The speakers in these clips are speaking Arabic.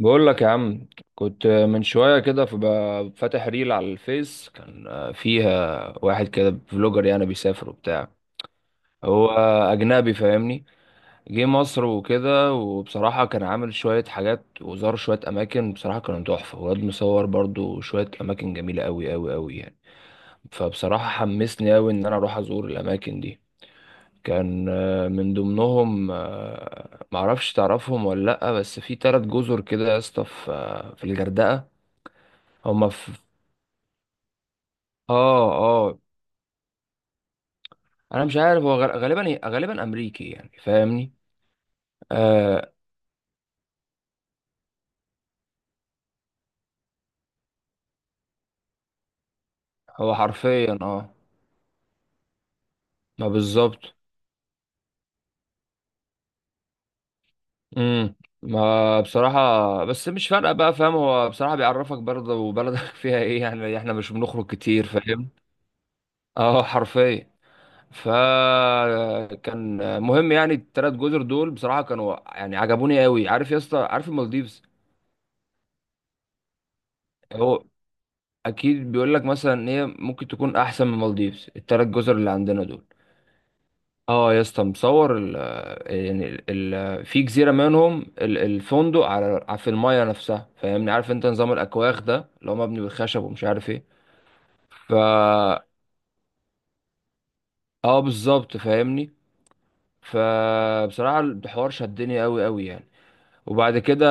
بقول لك يا عم، كنت من شوية كده فاتح ريل على الفيس كان فيها واحد كده فلوجر يعني بيسافر وبتاع. هو أجنبي فاهمني. جه مصر وكده، وبصراحة كان عامل شوية حاجات وزار شوية أماكن بصراحة كانوا تحفة، وواد مصور برضو شوية أماكن جميلة أوي أوي أوي يعني. فبصراحة حمسني أوي إن أنا أروح أزور الأماكن دي. كان من ضمنهم معرفش تعرفهم ولا لأ، بس في تلات جزر كده يا اسطى، في في الغردقة. هما في. اه اه. انا مش عارف هو غالبا غالبا امريكي يعني فاهمني. آه. هو حرفيا اه. ما بالظبط. امم ما بصراحة، بس مش فارقة بقى فاهم. هو بصراحة بيعرفك برضه وبلدك فيها ايه يعني، احنا مش بنخرج كتير فاهم. اه حرفيا. فكان مهم يعني، التلات جزر دول بصراحة كانوا يعني عجبوني قوي. عارف يا اسطى، عارف المالديفز. هو اكيد بيقول لك مثلا ان هي ممكن تكون احسن من المالديفز، التلات جزر اللي عندنا دول. اه يا اسطى، مصور ال... يعني ال في جزيره منهم، الفندق على في المايه نفسها فاهمني. عارف انت نظام الاكواخ ده، اللي هو مبني بالخشب ومش عارف ايه. ف اه بالظبط فاهمني. فبصراحه الحوار شدني قوي قوي يعني. وبعد كده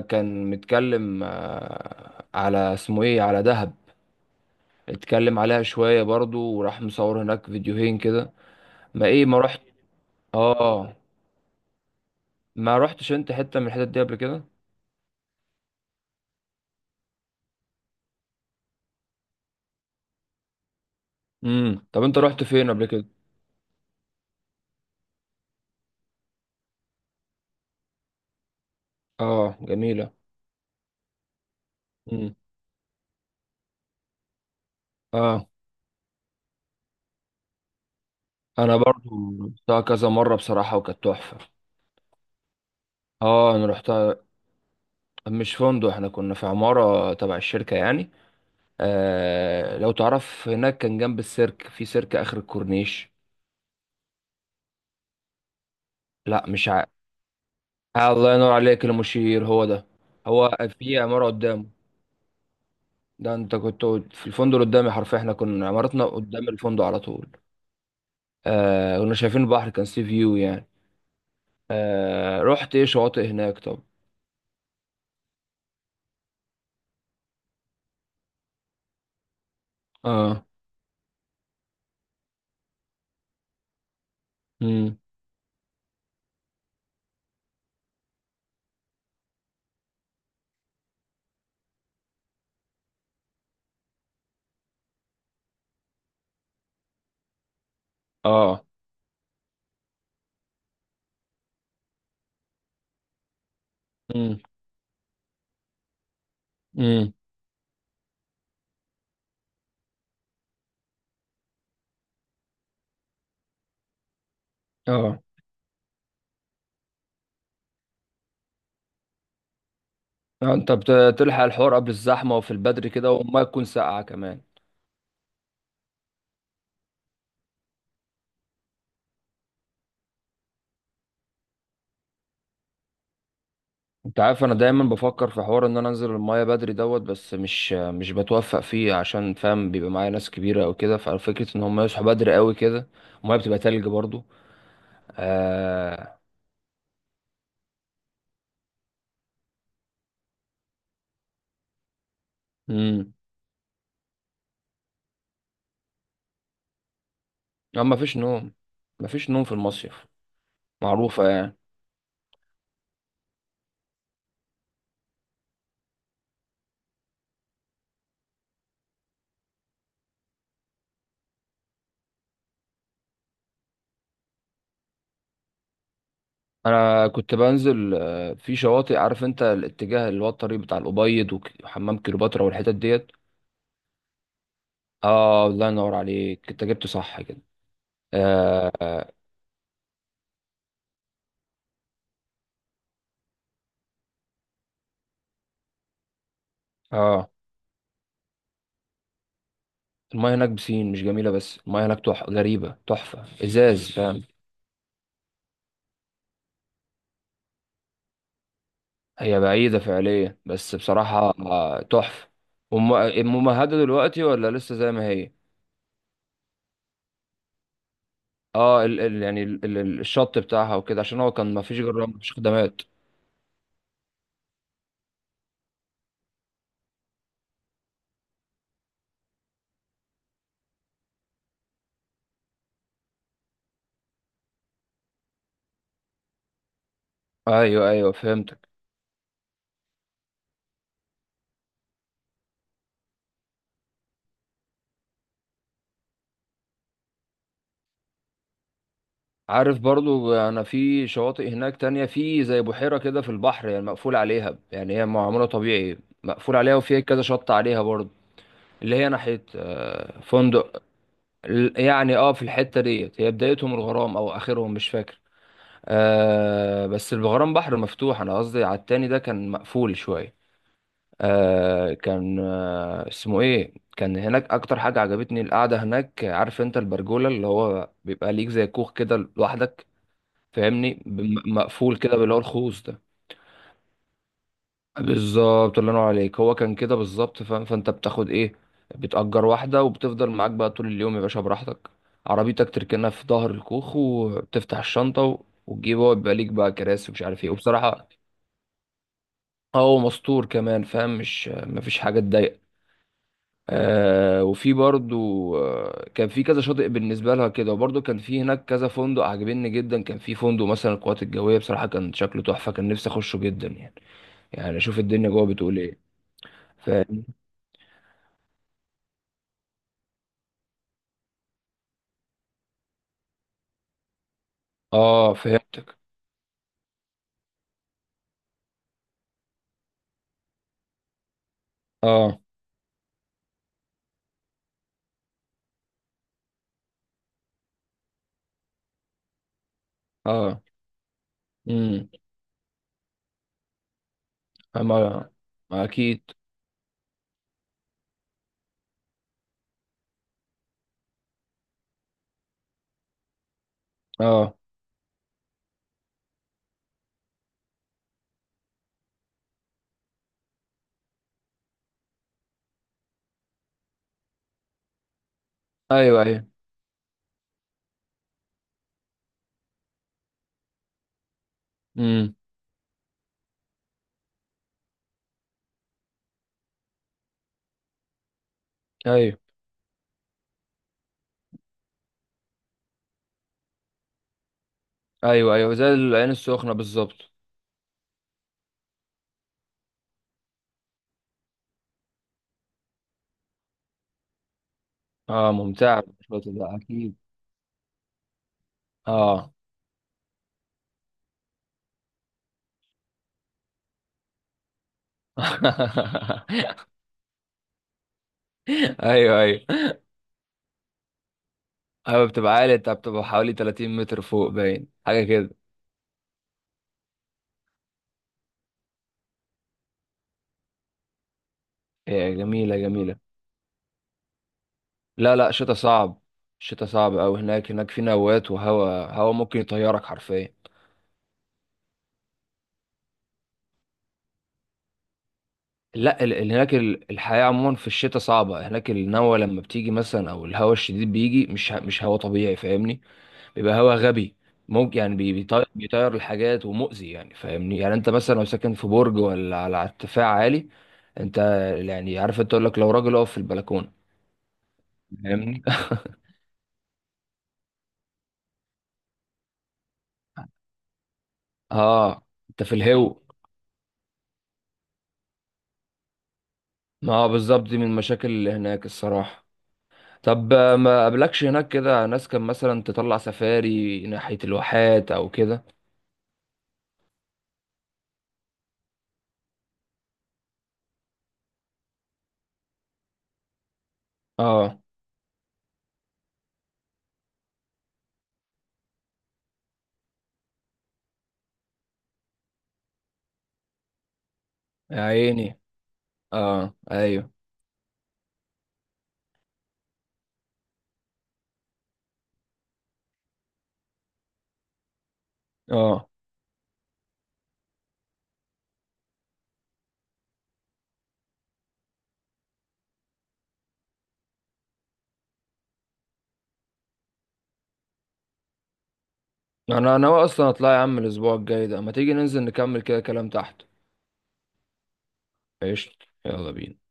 كان متكلم على اسمه ايه، على دهب. اتكلم عليها شويه برضو، وراح مصور هناك فيديوهين كده. ما ايه ما رحت. اه. ما رحتش انت حته من الحتت دي قبل كده؟ امم، طب انت رحت فين قبل كده؟ اه جميله. امم. اه. انا برضو رحتها كذا مره بصراحه وكانت تحفه. اه انا رحتها. مش فندق، احنا كنا في عماره تبع الشركه يعني. آه لو تعرف هناك، كان جنب السيرك، في سيرك اخر الكورنيش. لا مش ع... آه الله ينور عليك، المشير هو ده. هو في عماره قدامه. ده انت كنت في الفندق اللي قدامي حرفيا، احنا كنا عمارتنا قدام الفندق على طول. آه كنا شايفين البحر، كان سي فيو يعني. آه رحت ايه شواطئ هناك طب؟ اه. امم. اه. امم. امم. اه. انت بتلحق الحوار قبل الزحمه وفي البدري كده، والميه تكون ساقعه كمان. انت عارف انا دايما بفكر في حوار ان انا انزل الميه بدري دوت، بس مش بتوفق فيه عشان فاهم بيبقى معايا ناس كبيره او كده، ففكره ان هم يصحوا بدري قوي كده. الميه بتبقى تلج برضو. آه. امم. ما فيش نوم. ما فيش نوم في المصيف، معروفه يعني. انا كنت بنزل في شواطئ. عارف انت الاتجاه اللي هو الطريق بتاع الابيض وحمام كليوباترا والحتت ديت. اه الله ينور عليك، انت جبت صح كده. اه. اه. آه. المايه هناك بسين مش جميله، بس المايه هناك غريبه تحفه ازاز فاهم. هي بعيده فعليا، بس بصراحه تحفه. ممهده دلوقتي ولا لسه زي ما هي؟ يعني الشط بتاعها وكده عشان هو كان ما فيش جرام، مفيش خدمات. ايوه ايوه فهمت. عارف برضو، انا في شواطئ هناك تانية، في زي بحيرة كده في البحر يعني، مقفول عليها يعني هي معمولة طبيعي، مقفول عليها وفيها كذا شط عليها برضو. اللي هي ناحية فندق يعني اه، في الحتة ديت هي بدايتهم الغرام او اخرهم مش فاكر. آه بس الغرام بحر مفتوح، انا قصدي على التاني ده كان مقفول شوية. آه كان آه اسمه ايه، كان هناك اكتر حاجة عجبتني القعدة هناك. عارف انت البرجولة، اللي هو بيبقى ليك زي كوخ كده لوحدك فاهمني، مقفول كده باللي هو الخوص ده. بالظبط الله ينور عليك، هو كان كده بالظبط فاهم. فانت بتاخد ايه، بتأجر واحدة وبتفضل معاك بقى طول اليوم يا باشا براحتك. عربيتك تركنها في ظهر الكوخ وبتفتح الشنطة وتجيب، هو يبقى ليك بقى كراسي ومش عارف ايه، وبصراحة هو مستور كمان فاهم، مش مفيش حاجة تضايق. آه وفي برضو آه، كان في كذا شاطئ بالنسبة لها كده، وبرضو كان في هناك كذا فندق عجبني جدا. كان في فندق مثلا القوات الجوية، بصراحة كان شكله تحفة، كان نفسي أخشه جدا يعني. يعني شوف الدنيا جوه بتقول ايه. فاهم. اه فهمتك. اه. اه. امم. ما، ما اكيد. اه. ايوه ايوه. امم. ايوه ايوه. ايوه زي العين السخنه بالظبط. اه ممتعه الشاطئ ده اكيد. اه. ايوه ايوه. ايوه بتبقى عالي، انت بتبقى حوالي 30 متر فوق باين حاجه كده. هي جميله جميله. لا لا، شتا صعب. شتا صعب أوي هناك، هناك في نوات، وهوا هوا ممكن يطيرك حرفيا. لا هناك الحياة عموما في الشتاء صعبة هناك. النوى لما بتيجي مثلا، أو الهواء الشديد بيجي مش مش هواء طبيعي فاهمني. بيبقى هواء غبي. ممكن يعني بيطير بيطير الحاجات ومؤذي يعني فاهمني. يعني أنت مثلا لو ساكن في برج ولا على على ارتفاع عالي، أنت يعني عارف، أنت تقول لك لو راجل أقف في البلكونة، فاهمني أه أنت في الهو. ما هو بالظبط، دي من المشاكل اللي هناك الصراحة. طب ما قابلكش هناك كده ناس، كان مثلا تطلع سفاري ناحية الواحات أو كده؟ أه يا عيني. اه ايوه. اه. انا ناوي اصلا اطلع يا عم الاسبوع الجاي ده، ما تيجي ننزل نكمل كده كلام تحت. قشطة، يلا بينا.